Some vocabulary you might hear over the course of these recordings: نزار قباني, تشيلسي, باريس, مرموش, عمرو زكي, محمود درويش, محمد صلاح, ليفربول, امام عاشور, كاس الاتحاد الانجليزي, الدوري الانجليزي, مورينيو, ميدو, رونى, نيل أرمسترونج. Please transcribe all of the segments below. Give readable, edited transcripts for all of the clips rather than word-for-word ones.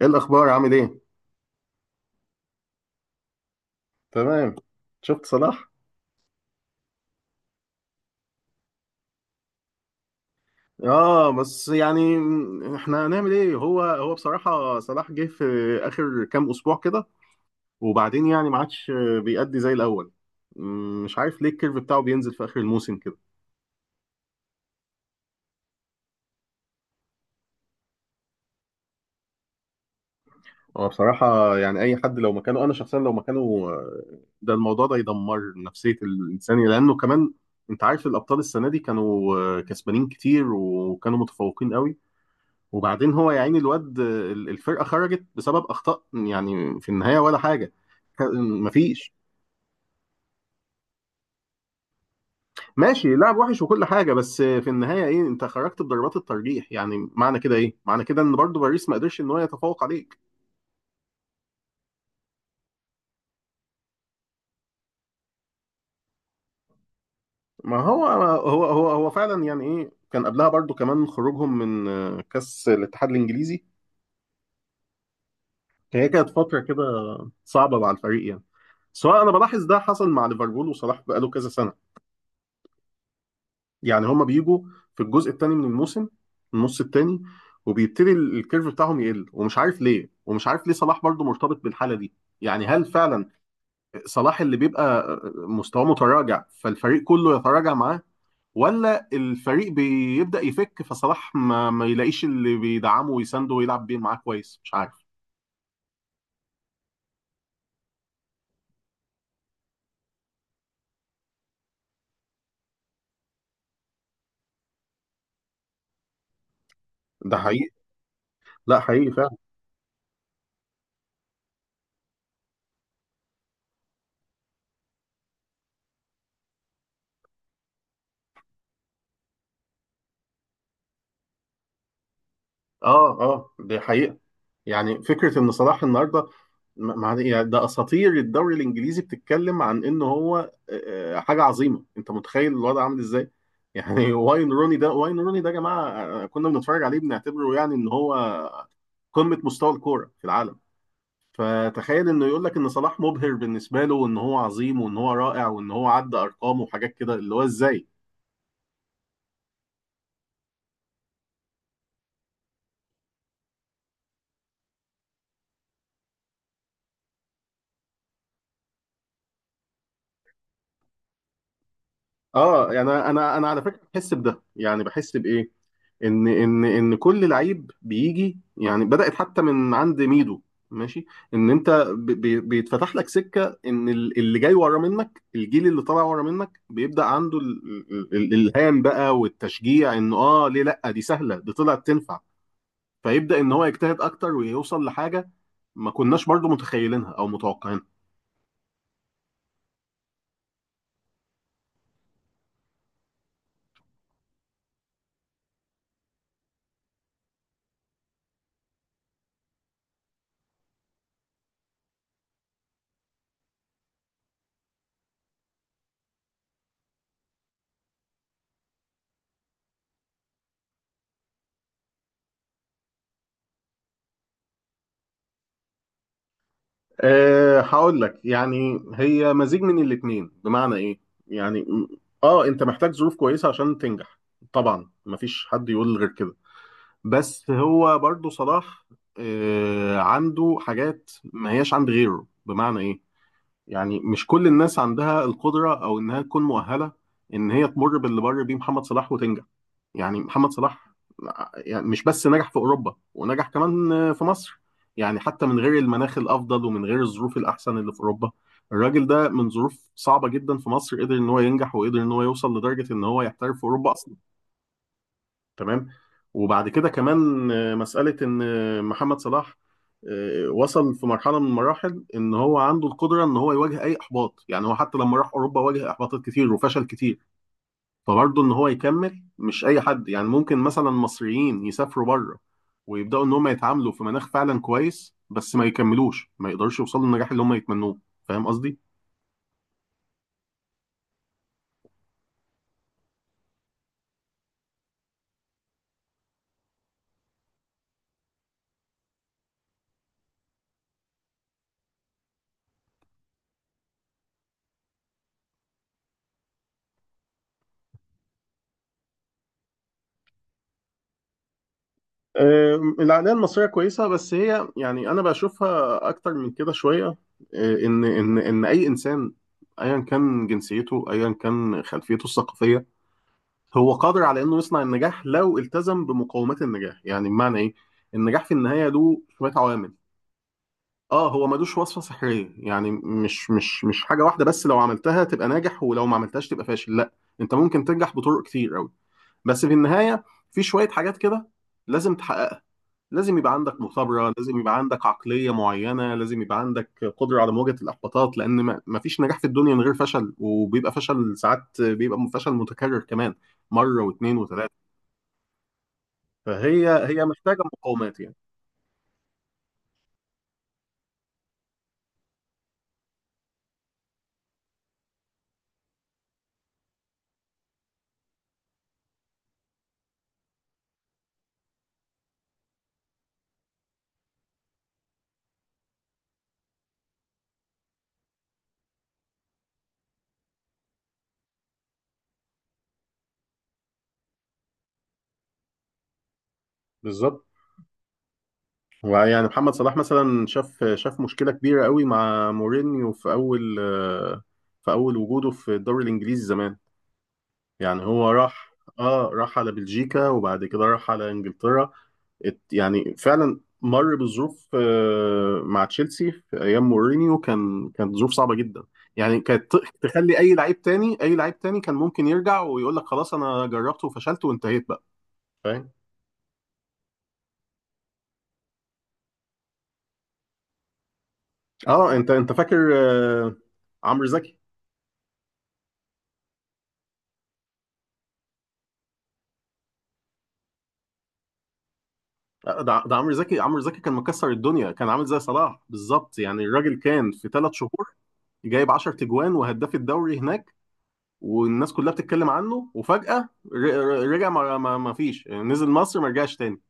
ايه الاخبار، عامل ايه؟ تمام. شفت صلاح؟ اه، بس يعني احنا هنعمل ايه؟ هو بصراحة صلاح جه في اخر كام اسبوع كده، وبعدين يعني ما عادش بيأدي زي الاول. مش عارف ليه الكيرف بتاعه بينزل في اخر الموسم كده. هو بصراحة يعني اي حد لو مكانه، انا شخصيا لو مكانه آه، ده الموضوع ده يدمر نفسية الانسان، لانه كمان انت عارف الابطال السنة دي كانوا كسبانين كتير وكانوا متفوقين قوي. وبعدين هو يا عيني الواد الفرقه خرجت بسبب اخطاء يعني في النهايه ولا حاجه. مفيش. ماشي، لعب وحش وكل حاجه، بس في النهايه ايه؟ انت خرجت بضربات الترجيح، يعني معنى كده ايه؟ معنى كده ان برضو باريس ما قدرش ان هو يتفوق عليك. ما هو فعلا، يعني ايه، كان قبلها برضو كمان خروجهم من كاس الاتحاد الانجليزي. هي كانت فتره كده صعبه مع الفريق يعني. سواء انا بلاحظ ده حصل مع ليفربول، وصلاح بقاله كذا سنه يعني هما بيجوا في الجزء الثاني من الموسم، النص الثاني، وبيبتدي الكيرف بتاعهم يقل ومش عارف ليه، ومش عارف ليه صلاح برضو مرتبط بالحالة دي. يعني هل فعلا صلاح اللي بيبقى مستواه متراجع فالفريق كله يتراجع معاه، ولا الفريق بيبدأ يفك فصلاح ما يلاقيش اللي بيدعمه ويسنده ويلعب بيه معاه كويس؟ مش عارف. ده حقيقي. لا، حقيقي فعلا. اه اه، دي حقيقة. يعني فكره ان صلاح النهارده يعني ده اساطير الدوري الانجليزي بتتكلم عن ان هو حاجه عظيمه. انت متخيل الوضع عامل ازاي؟ يعني واين روني ده، واين روني ده يا جماعه، كنا بنتفرج عليه بنعتبره يعني ان هو قمه مستوى الكوره في العالم. فتخيل انه يقول لك ان صلاح مبهر بالنسبه له، وان هو عظيم وان هو رائع وان هو عدى ارقامه وحاجات كده، اللي هو ازاي. اه يعني انا على فكره بحس بده، يعني بحس بايه؟ ان كل لعيب بيجي، يعني بدأت حتى من عند ميدو. ماشي. ان انت بيتفتح لك سكة، ان اللي جاي ورا منك، الجيل اللي طالع ورا منك بيبدأ عنده الالهام بقى والتشجيع، انه اه ليه لا، دي سهلة، دي طلعت تنفع. فيبدأ ان هو يجتهد اكتر ويوصل لحاجة ما كناش برضو متخيلينها او متوقعينها. أه هقول لك يعني هي مزيج من الاتنين. بمعنى ايه؟ يعني اه، انت محتاج ظروف كويسة عشان تنجح، طبعا مفيش حد يقول غير كده. بس هو برضو صلاح أه عنده حاجات ما هياش عند غيره. بمعنى ايه؟ يعني مش كل الناس عندها القدرة او انها تكون مؤهلة ان هي تمر باللي مر بيه محمد صلاح وتنجح. يعني محمد صلاح يعني مش بس نجح في اوروبا، ونجح كمان في مصر. يعني حتى من غير المناخ الافضل ومن غير الظروف الاحسن اللي في اوروبا، الراجل ده من ظروف صعبه جدا في مصر قدر ان هو ينجح، وقدر ان هو يوصل لدرجه ان هو يحترف في اوروبا اصلا. تمام. وبعد كده كمان مساله ان محمد صلاح وصل في مرحله من المراحل ان هو عنده القدره ان هو يواجه اي احباط. يعني هو حتى لما راح اوروبا واجه احباطات كتير وفشل كتير، فبرضه ان هو يكمل مش اي حد يعني. ممكن مثلا مصريين يسافروا بره، ويبداوا ان هم يتعاملوا في مناخ فعلا كويس، بس ما يكملوش، ما يقدروش يوصلوا للنجاح اللي هم يتمنوه. فاهم قصدي؟ العقليه المصريه كويسه، بس هي يعني انا بشوفها اكتر من كده شويه. ان اي انسان، ايا كان جنسيته، ايا كان خلفيته الثقافيه، هو قادر على انه يصنع النجاح لو التزم بمقومات النجاح. يعني بمعنى ايه؟ النجاح في النهايه له شويه عوامل. اه، هو ملوش وصفة سحرية، يعني مش حاجة واحدة بس لو عملتها تبقى ناجح ولو ما عملتهاش تبقى فاشل، لا. انت ممكن تنجح بطرق كتير قوي، بس في النهاية في شوية حاجات كده لازم تحققها. لازم يبقى عندك مثابرة، لازم يبقى عندك عقلية معينة، لازم يبقى عندك قدرة على مواجهة الإحباطات، لأن ما فيش نجاح في الدنيا من غير فشل. وبيبقى فشل ساعات، بيبقى فشل متكرر كمان، مرة واثنين وثلاثة. فهي، هي محتاجة مقاومات يعني. بالظبط. ويعني محمد صلاح مثلا شاف مشكلة كبيرة قوي مع مورينيو في أول، في أول وجوده في الدوري الإنجليزي زمان. يعني هو راح، اه، راح على بلجيكا، وبعد كده راح على إنجلترا. يعني فعلا مر بظروف مع تشيلسي في أيام مورينيو، كان، كانت ظروف صعبة جدا. يعني كانت تخلي أي لعيب تاني، أي لعيب تاني كان ممكن يرجع ويقول لك خلاص أنا جربت وفشلت وانتهيت بقى. فاهم؟ اه، انت انت فاكر عمرو زكي؟ ده عمرو زكي، كان مكسر الدنيا، كان عامل زي صلاح بالظبط. يعني الراجل كان في ثلاث شهور جايب 10 تجوان، وهداف الدوري هناك، والناس كلها بتتكلم عنه، وفجأة رجع. ما فيش يعني، نزل مصر ما رجعش تاني.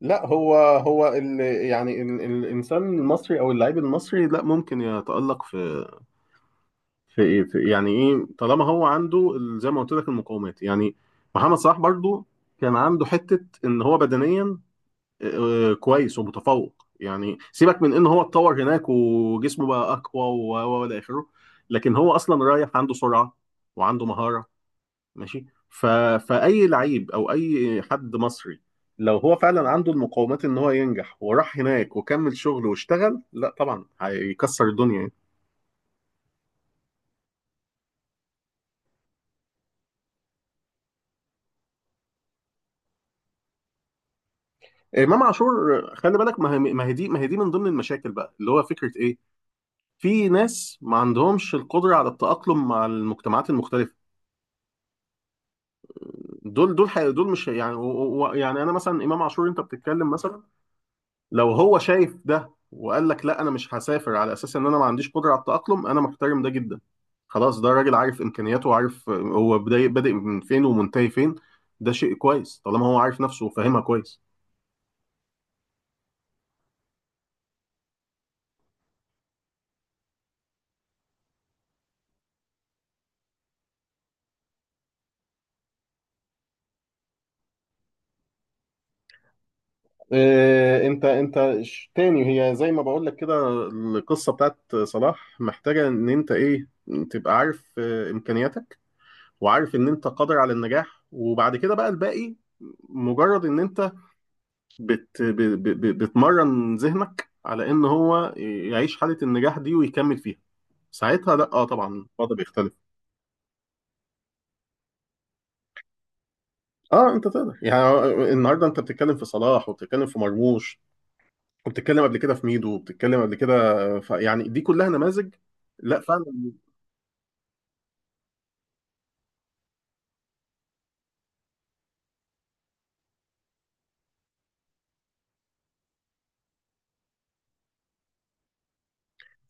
لا هو هو ال يعني الانسان المصري او اللاعب المصري، لا، ممكن يتألق في ايه في، يعني ايه، طالما هو عنده زي ما قلت لك المقومات يعني. محمد صلاح برضو كان عنده حتة ان هو بدنيا كويس ومتفوق. يعني سيبك من ان هو اتطور هناك وجسمه بقى اقوى، والى اخره، لكن هو اصلا رايح عنده سرعه، وعنده مهاره. ماشي فاي لعيب او اي حد مصري، لو هو فعلا عنده المقومات ان هو ينجح وراح هناك وكمل شغله واشتغل، لا طبعا هيكسر الدنيا يعني. امام عاشور، خلي بالك، ما هي دي من ضمن المشاكل بقى، اللي هو فكره ايه، في ناس ما عندهمش القدره على التاقلم مع المجتمعات المختلفه. دول دول مش يعني يعني انا مثلا امام عاشور انت بتتكلم مثلا. لو هو شايف ده وقال لك لا انا مش هسافر، على اساس ان انا ما عنديش قدره على التاقلم، انا محترم ده جدا. خلاص ده راجل عارف امكانياته، وعارف هو بادئ من فين ومنتهي فين. ده شيء كويس طالما هو عارف نفسه وفاهمها كويس. إيه، انت انت تاني هي زي ما بقول لك كده، القصه بتاعت صلاح محتاجه ان انت ايه؟ تبقى عارف امكانياتك، وعارف ان انت قادر على النجاح، وبعد كده بقى الباقي مجرد ان انت بت ب- ب- ب- بتمرن ذهنك على ان هو يعيش حالة النجاح دي ويكمل فيها. ساعتها لا، اه، طبعا الوضع بيختلف. اه، انت تقدر يعني، النهارده انت بتتكلم في صلاح، وبتتكلم في مرموش، وبتتكلم قبل كده في ميدو، وبتتكلم قبل كده، يعني دي كلها نماذج. لا، فعلا.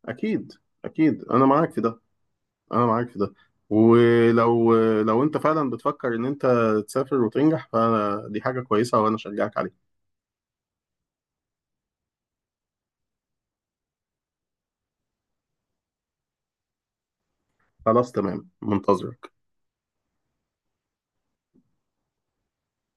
اكيد، اكيد انا معاك في ده، انا معاك في ده. ولو، انت فعلا بتفكر ان انت تسافر وتنجح، فدي حاجة كويسة وانا اشجعك عليها. خلاص، تمام، منتظرك.